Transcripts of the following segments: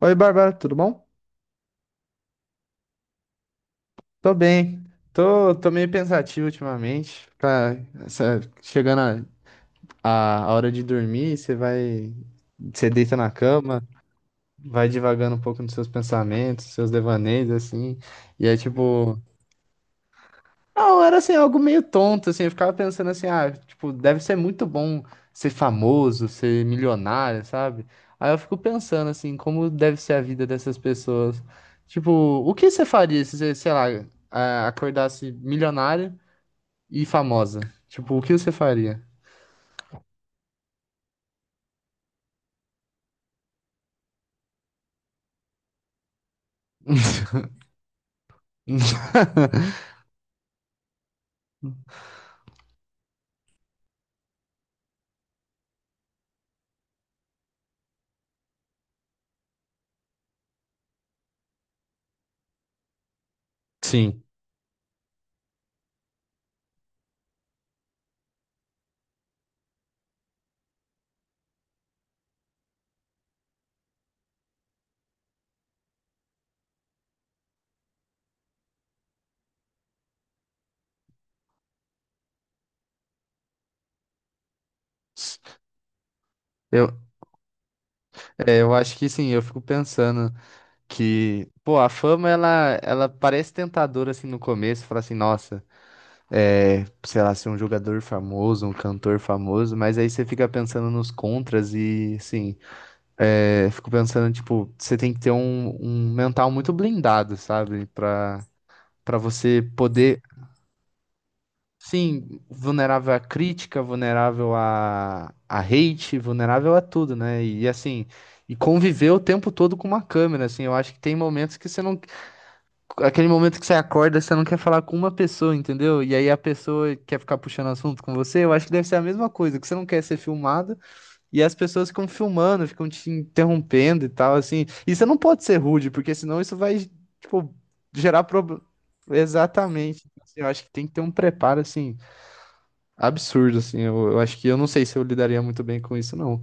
Oi, Bárbara, tudo bom? Tô bem. Tô meio pensativo ultimamente. Pra, chegando a hora de dormir, você vai. Você deita na cama, vai divagando um pouco nos seus pensamentos, seus devaneios, assim. E é tipo. Não, era assim, algo meio tonto, assim, eu ficava pensando assim, ah, tipo, deve ser muito bom ser famoso, ser milionário, sabe? Aí eu fico pensando assim, como deve ser a vida dessas pessoas. Tipo, o que você faria se você, sei lá, acordasse milionário e famosa? Tipo, o que você faria? Sim. Eu, é, eu acho que sim, eu fico pensando que, pô, a fama ela parece tentadora assim no começo, fala assim, nossa, é, sei lá, ser um jogador famoso, um cantor famoso, mas aí você fica pensando nos contras e, assim, é, fico pensando, tipo, você tem que ter um mental muito blindado, sabe? Pra, pra você poder, sim, vulnerável à crítica, vulnerável a hate, vulnerável a tudo, né? E, assim, e conviver o tempo todo com uma câmera, assim, eu acho que tem momentos que você não aquele momento que você acorda, você não quer falar com uma pessoa, entendeu? E aí a pessoa quer ficar puxando assunto com você, eu acho que deve ser a mesma coisa, que você não quer ser filmado e as pessoas ficam filmando, ficam te interrompendo e tal, assim. E você não pode ser rude, porque senão isso vai, tipo, gerar problema. Exatamente. Assim, eu acho que tem que ter um preparo, assim, absurdo, assim. Eu acho que eu não sei se eu lidaria muito bem com isso, não.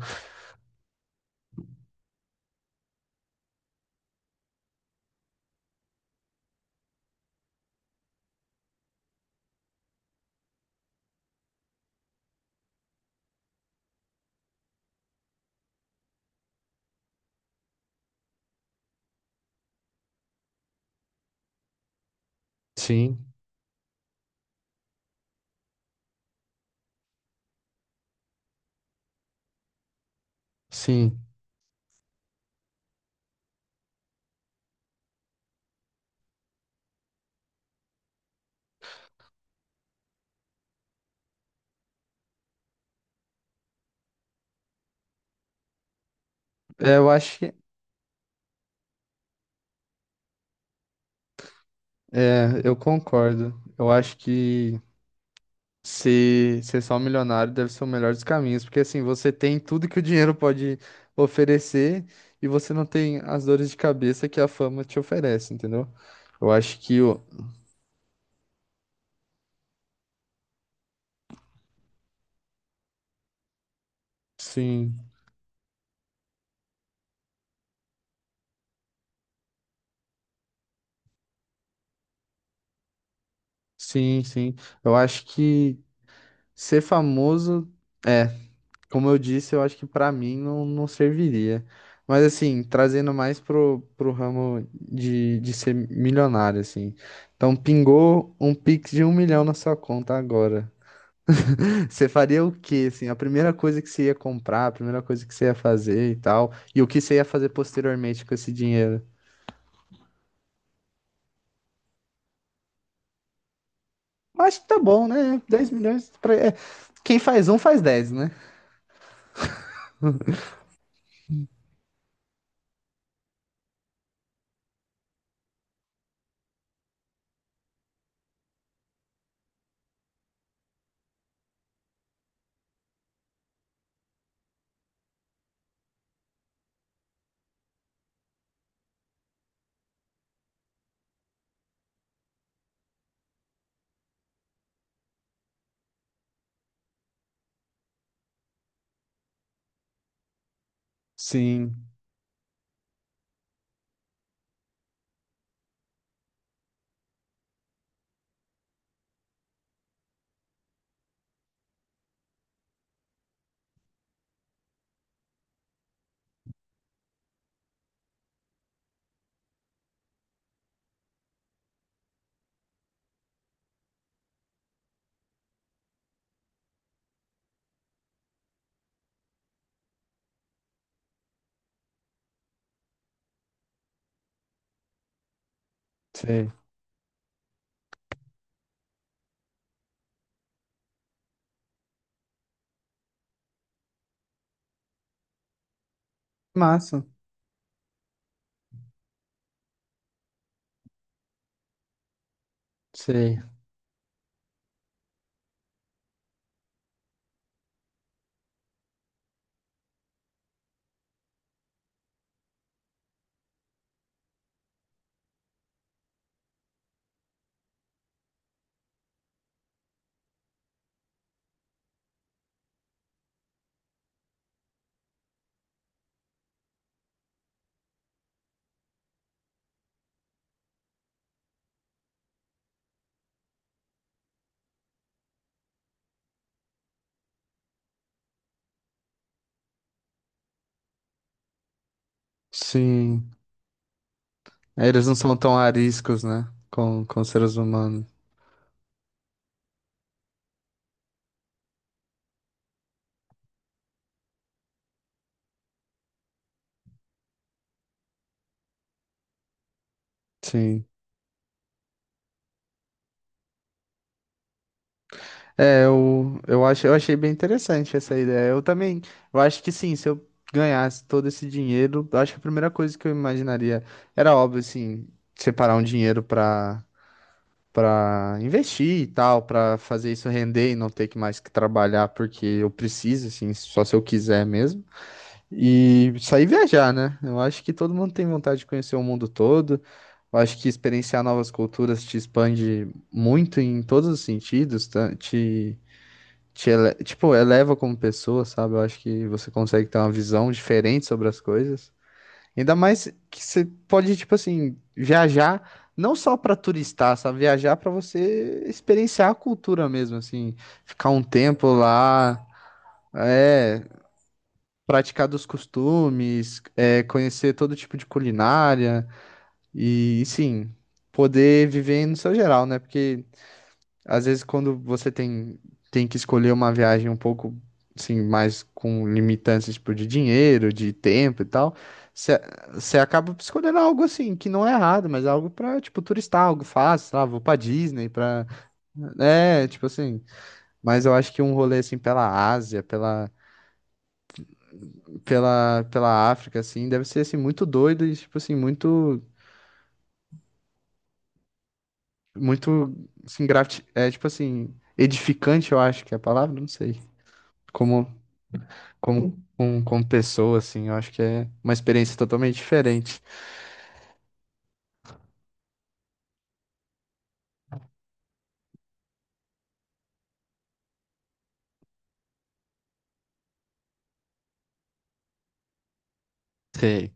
Sim, sim. É, eu acho que. É, eu concordo. Eu acho que se ser só milionário deve ser o melhor dos caminhos, porque assim, você tem tudo que o dinheiro pode oferecer e você não tem as dores de cabeça que a fama te oferece, entendeu? Eu acho que o... Sim, sim, sim. Eu acho que ser famoso, é, como eu disse, eu acho que pra mim não, não serviria. Mas assim, trazendo mais pro ramo de ser milionário, assim. Então, pingou um Pix de 1 milhão na sua conta agora. Você faria o quê, assim? A primeira coisa que você ia comprar, a primeira coisa que você ia fazer e tal, e o que você ia fazer posteriormente com esse dinheiro? Acho que tá bom, né? 10 milhões pra... é, quem faz um faz 10, né? Sim, sei. Massa. Sei. Sim. Eles não são tão ariscos, né? Com seres humanos. Sim. É, eu acho, eu achei bem interessante essa ideia. Eu também, eu acho que sim, se eu ganhasse todo esse dinheiro, eu acho que a primeira coisa que eu imaginaria era óbvio, assim, separar um dinheiro para investir e tal, para fazer isso render e não ter que mais que trabalhar porque eu preciso, assim, só se eu quiser mesmo. E sair viajar, né? Eu acho que todo mundo tem vontade de conhecer o mundo todo. Eu acho que experienciar novas culturas te expande muito em todos os sentidos, tá? Te tipo, eleva como pessoa, sabe? Eu acho que você consegue ter uma visão diferente sobre as coisas. Ainda mais que você pode, tipo assim, viajar não só pra turistar, sabe? Viajar pra você experienciar a cultura mesmo, assim, ficar um tempo lá, é, praticar dos costumes, é, conhecer todo tipo de culinária e, sim, poder viver no seu geral, né? Porque às vezes, quando você tem, tem que escolher uma viagem um pouco, assim, mais com limitantes, tipo, de dinheiro, de tempo e tal, você acaba escolhendo algo, assim, que não é errado, mas algo pra, tipo, turistar, algo fácil, sei lá, vou pra Disney, pra... É, tipo assim, mas eu acho que um rolê, assim, pela Ásia, pela, pela África, assim, deve ser, assim, muito doido e, tipo assim, muito, muito, assim, grati... é, tipo assim, edificante, eu acho que é a palavra, não sei. Como como pessoa, assim, eu acho que é uma experiência totalmente diferente. Sei,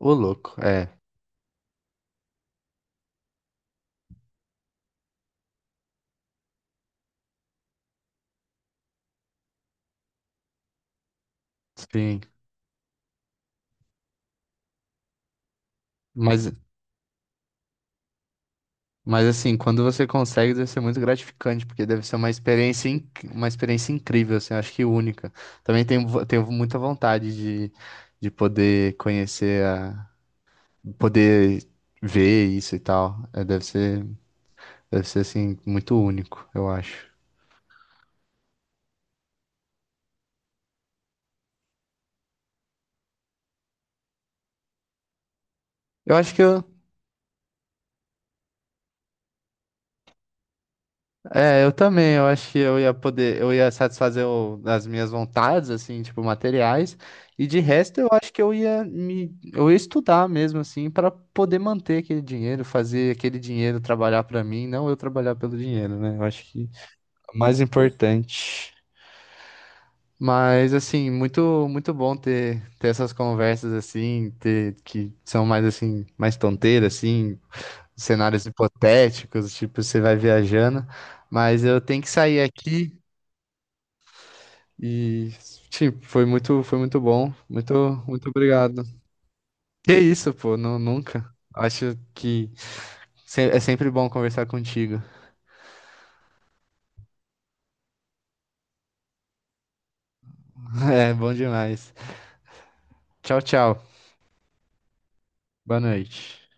ô louco, é, sim. Mas, mas assim, quando você consegue, deve ser muito gratificante, porque deve ser uma experiência, uma experiência incrível, assim, eu acho que única. Também tenho, tenho muita vontade de, de poder conhecer a, poder ver isso e tal. É, deve ser, assim, muito único, eu acho. Eu acho que eu, É, eu também, eu acho que eu ia poder, eu ia satisfazer as minhas vontades, assim, tipo, materiais, e de resto eu acho que eu ia estudar mesmo, assim, para poder manter aquele dinheiro, fazer aquele dinheiro trabalhar para mim, não eu trabalhar pelo dinheiro, né? Eu acho que é o mais importante. Mas, assim, muito, muito bom ter, ter essas conversas, assim, ter, que são mais, assim, mais tonteiras, assim, cenários hipotéticos, tipo, você vai viajando, mas eu tenho que sair aqui. E, tipo, foi muito bom. Muito, muito obrigado. Que isso, pô, não, nunca. Acho que é sempre bom conversar contigo. É bom demais. Tchau, tchau. Boa noite.